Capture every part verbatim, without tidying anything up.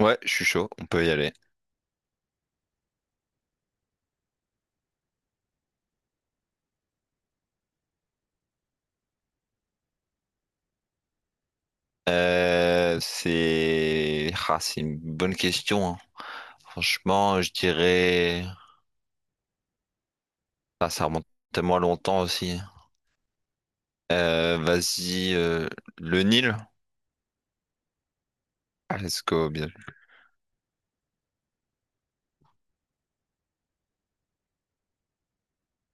Ouais, je suis chaud, on peut y aller. Euh, c'est ah, c'est une bonne question, hein. Franchement, je dirais ah, ça remonte tellement longtemps aussi. Euh, vas-y, euh, le Nil. Ah, let's go, bien vu.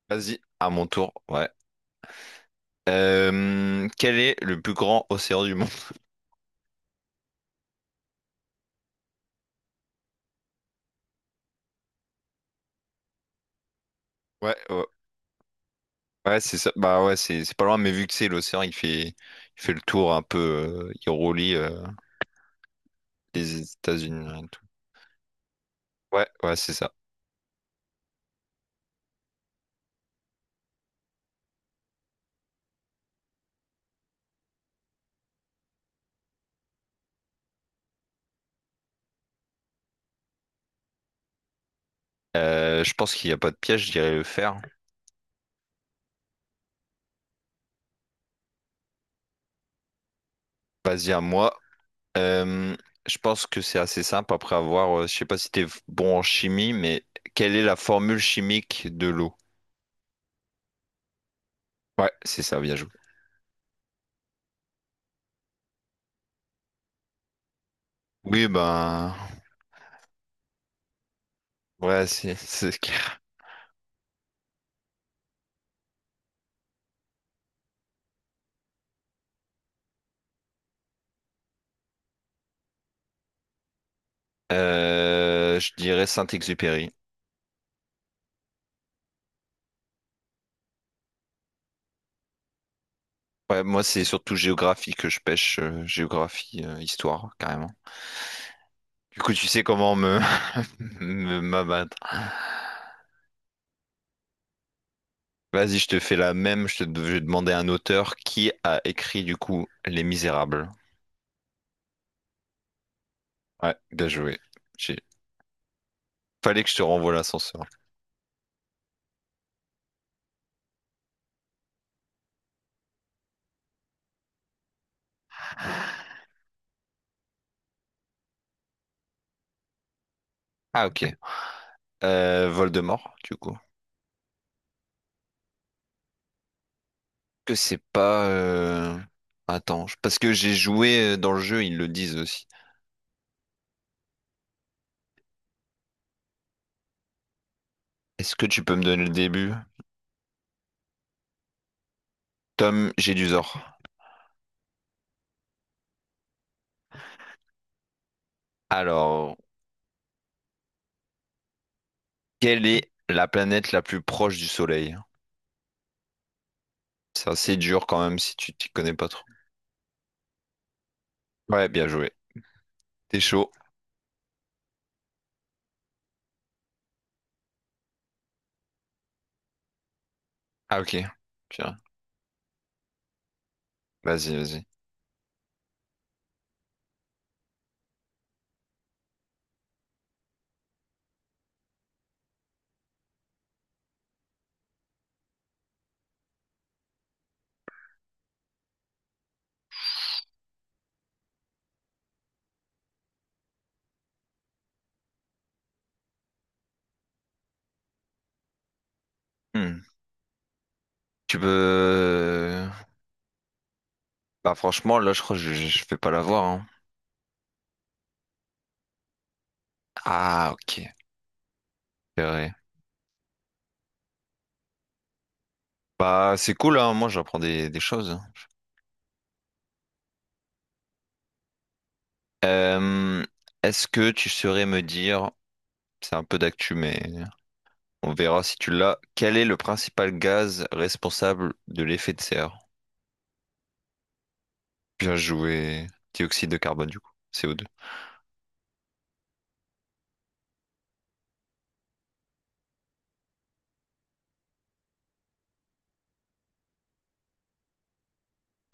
Vas-y, à mon tour. Ouais. Euh, quel est le plus grand océan du monde? Ouais, ouais, ouais, c'est ça. Bah ouais, c'est c'est pas loin, mais vu que c'est l'océan, il fait il fait le tour un peu, euh, il relie euh, les États-Unis et tout. Ouais, ouais, c'est ça. Euh, je pense qu'il n'y a pas de piège, je dirais le fer. Vas-y à moi. Euh, je pense que c'est assez simple après avoir, euh, je sais pas si t'es bon en chimie, mais quelle est la formule chimique de l'eau? Ouais, c'est ça, bien joué. Oui, ben, ouais, c'est c'est clair. Euh, je dirais Saint-Exupéry. Ouais, moi, c'est surtout géographie que je pêche, euh, géographie, euh, histoire, carrément. Du coup, tu sais comment me me- m'abattre. Vas-y, je te fais la même. Je te je vais demander à un auteur qui a écrit du coup Les Misérables. Ouais, bien joué. J'ai- Fallait que je te renvoie l'ascenseur. Ah ok. Euh, Voldemort, du coup. Que c'est pas. Euh, Attends, je- parce que j'ai joué euh, dans le jeu, ils le disent aussi. Est-ce que tu peux me donner le début? Tom Jedusor. Alors, quelle est la planète la plus proche du Soleil? C'est assez dur quand même si tu t'y connais pas trop. Ouais, bien joué. T'es chaud. Ah ok. Tiens, vas-y, vas-y. Hmm. Tu peux... Bah franchement, là je crois que je, je je vais pas l'avoir, hein. Ah ok, c'est vrai. Bah c'est cool, hein. Moi j'apprends des, des choses. Euh, est-ce que tu saurais me dire, c'est un peu d'actu mais on verra si tu l'as, quel est le principal gaz responsable de l'effet de serre? Bien joué. Dioxyde de carbone du coup, C O deux.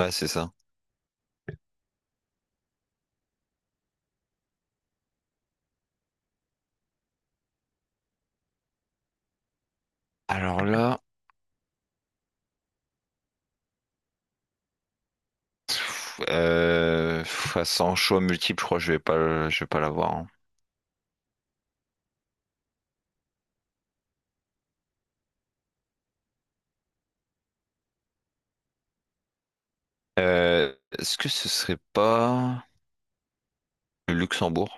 Ouais c'est ça. Alors là, euh, pff, sans choix multiple, je crois que je vais pas, le- je vais pas l'avoir, hein. Euh, est-ce que ce serait pas le Luxembourg?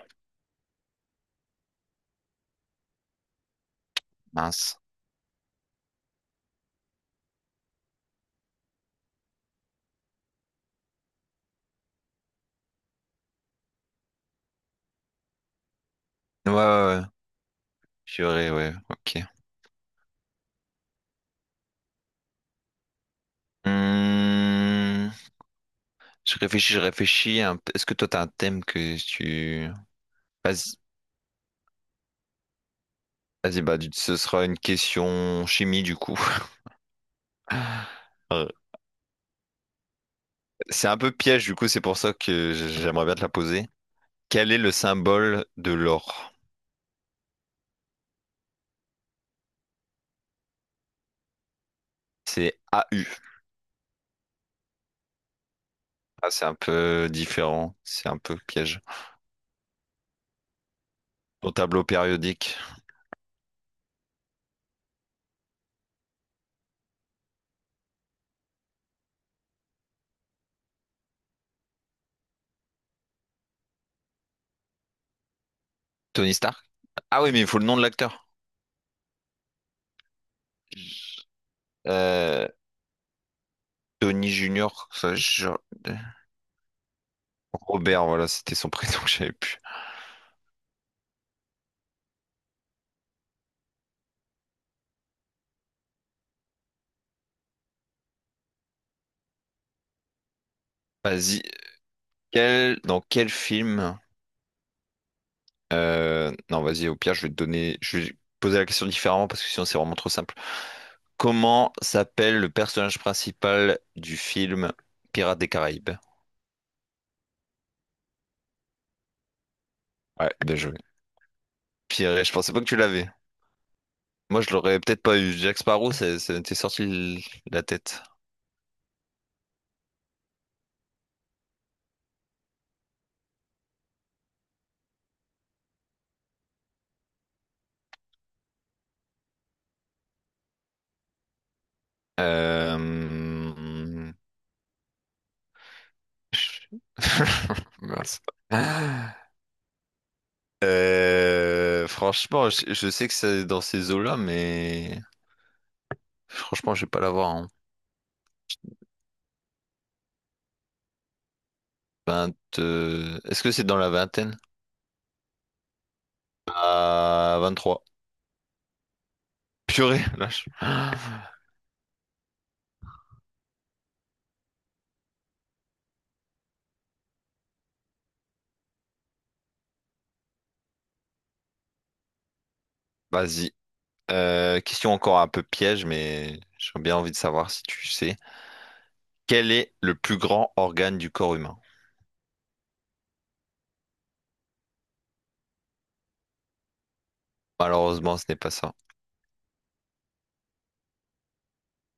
Mince. Ouais, ouais, ouais. Purée, ouais, ok. Hum, je réfléchis, je réfléchis un peu. Est-ce que toi, t'as un thème que tu... Vas-y, vas-y, bah, du- ce sera une question chimie, du coup. Euh, c'est un peu piège, du coup, c'est pour ça que j- j'aimerais bien te la poser. Quel est le symbole de l'or? C'est A U. Ah, c'est un peu différent, c'est un peu piège. Ton tableau périodique. Tony Stark? Ah oui, mais il faut le nom de l'acteur. Euh, Tony Junior, ça, je- Robert, voilà, c'était son prénom que j'avais plus. Vas-y, quel, dans quel film... euh, non, vas-y, au pire, je vais te donner... Je vais poser la question différemment parce que sinon c'est vraiment trop simple. Comment s'appelle le personnage principal du film Pirates des Caraïbes? Ouais, bien joué. Piré, je pensais pas que tu l'avais. Moi, je l'aurais peut-être pas eu. Jack Sparrow, ça ça m'était sorti de la tête. Euh... Mince. Euh, franchement, je, je sais que c'est dans ces eaux-là, mais franchement, je vais pas l'avoir en vingt. euh, Est-ce que c'est dans la vingtaine? À vingt-trois. Purée, là, je- Vas-y. Euh, question encore un peu piège, mais j'ai bien envie de savoir si tu sais. Quel est le plus grand organe du corps humain? Malheureusement, ce n'est pas ça.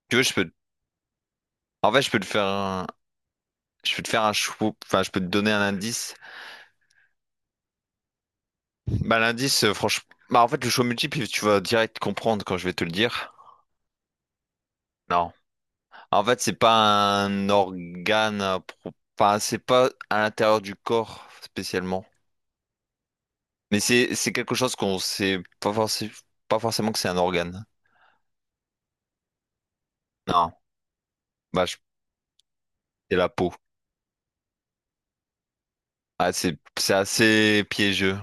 Tu veux, je peux. En fait, je peux te faire un, Je peux te faire un show, enfin, je peux te donner un indice. Bah, l'indice, euh, franchement, bah, en fait, le show multiple, tu vas direct comprendre quand je vais te le dire. Non. En fait, c'est pas un organe, à pro- enfin, c'est pas à l'intérieur du corps spécialement. Mais c'est, c'est quelque chose qu'on sait pas forcément, pas forcément que c'est un organe. Non. Bah, je- c'est la peau. Ah, c'est, c'est assez piégeux.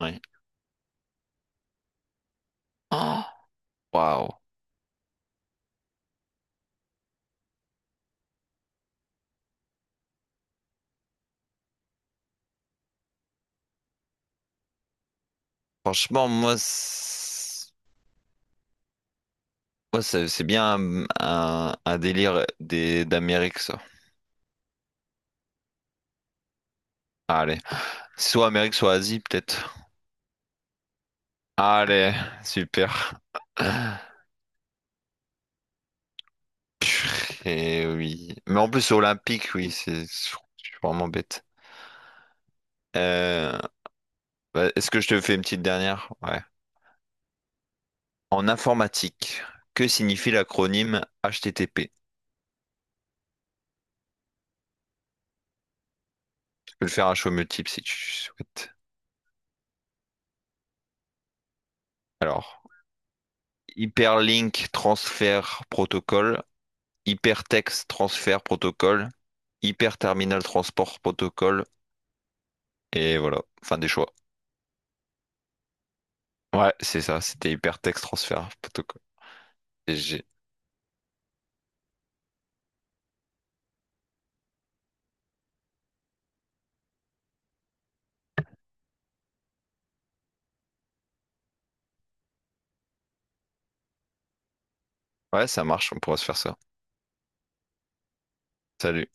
Oui. Oh, waouh. Franchement, moi, c'est- moi, c'est c'est bien un, un- un délire des d'Amérique, ça. Allez. Soit Amérique, soit Asie, peut-être. Allez, super. Et oui. Mais en plus, c'est olympique, oui, c'est je suis vraiment bête. Euh, bah, est-ce que je te fais une petite dernière? Ouais. En informatique, que signifie l'acronyme H T T P? Je peux le faire à choix multiple si tu souhaites. Alors, Hyperlink Transfer Protocol, Hypertext Transfer Protocol, Hyperterminal Transport Protocol, et voilà, fin des choix. Ouais, c'est ça, c'était hypertexte transfert, poteau, quoi. S G. Ouais, ça marche, on pourra se faire ça. Salut.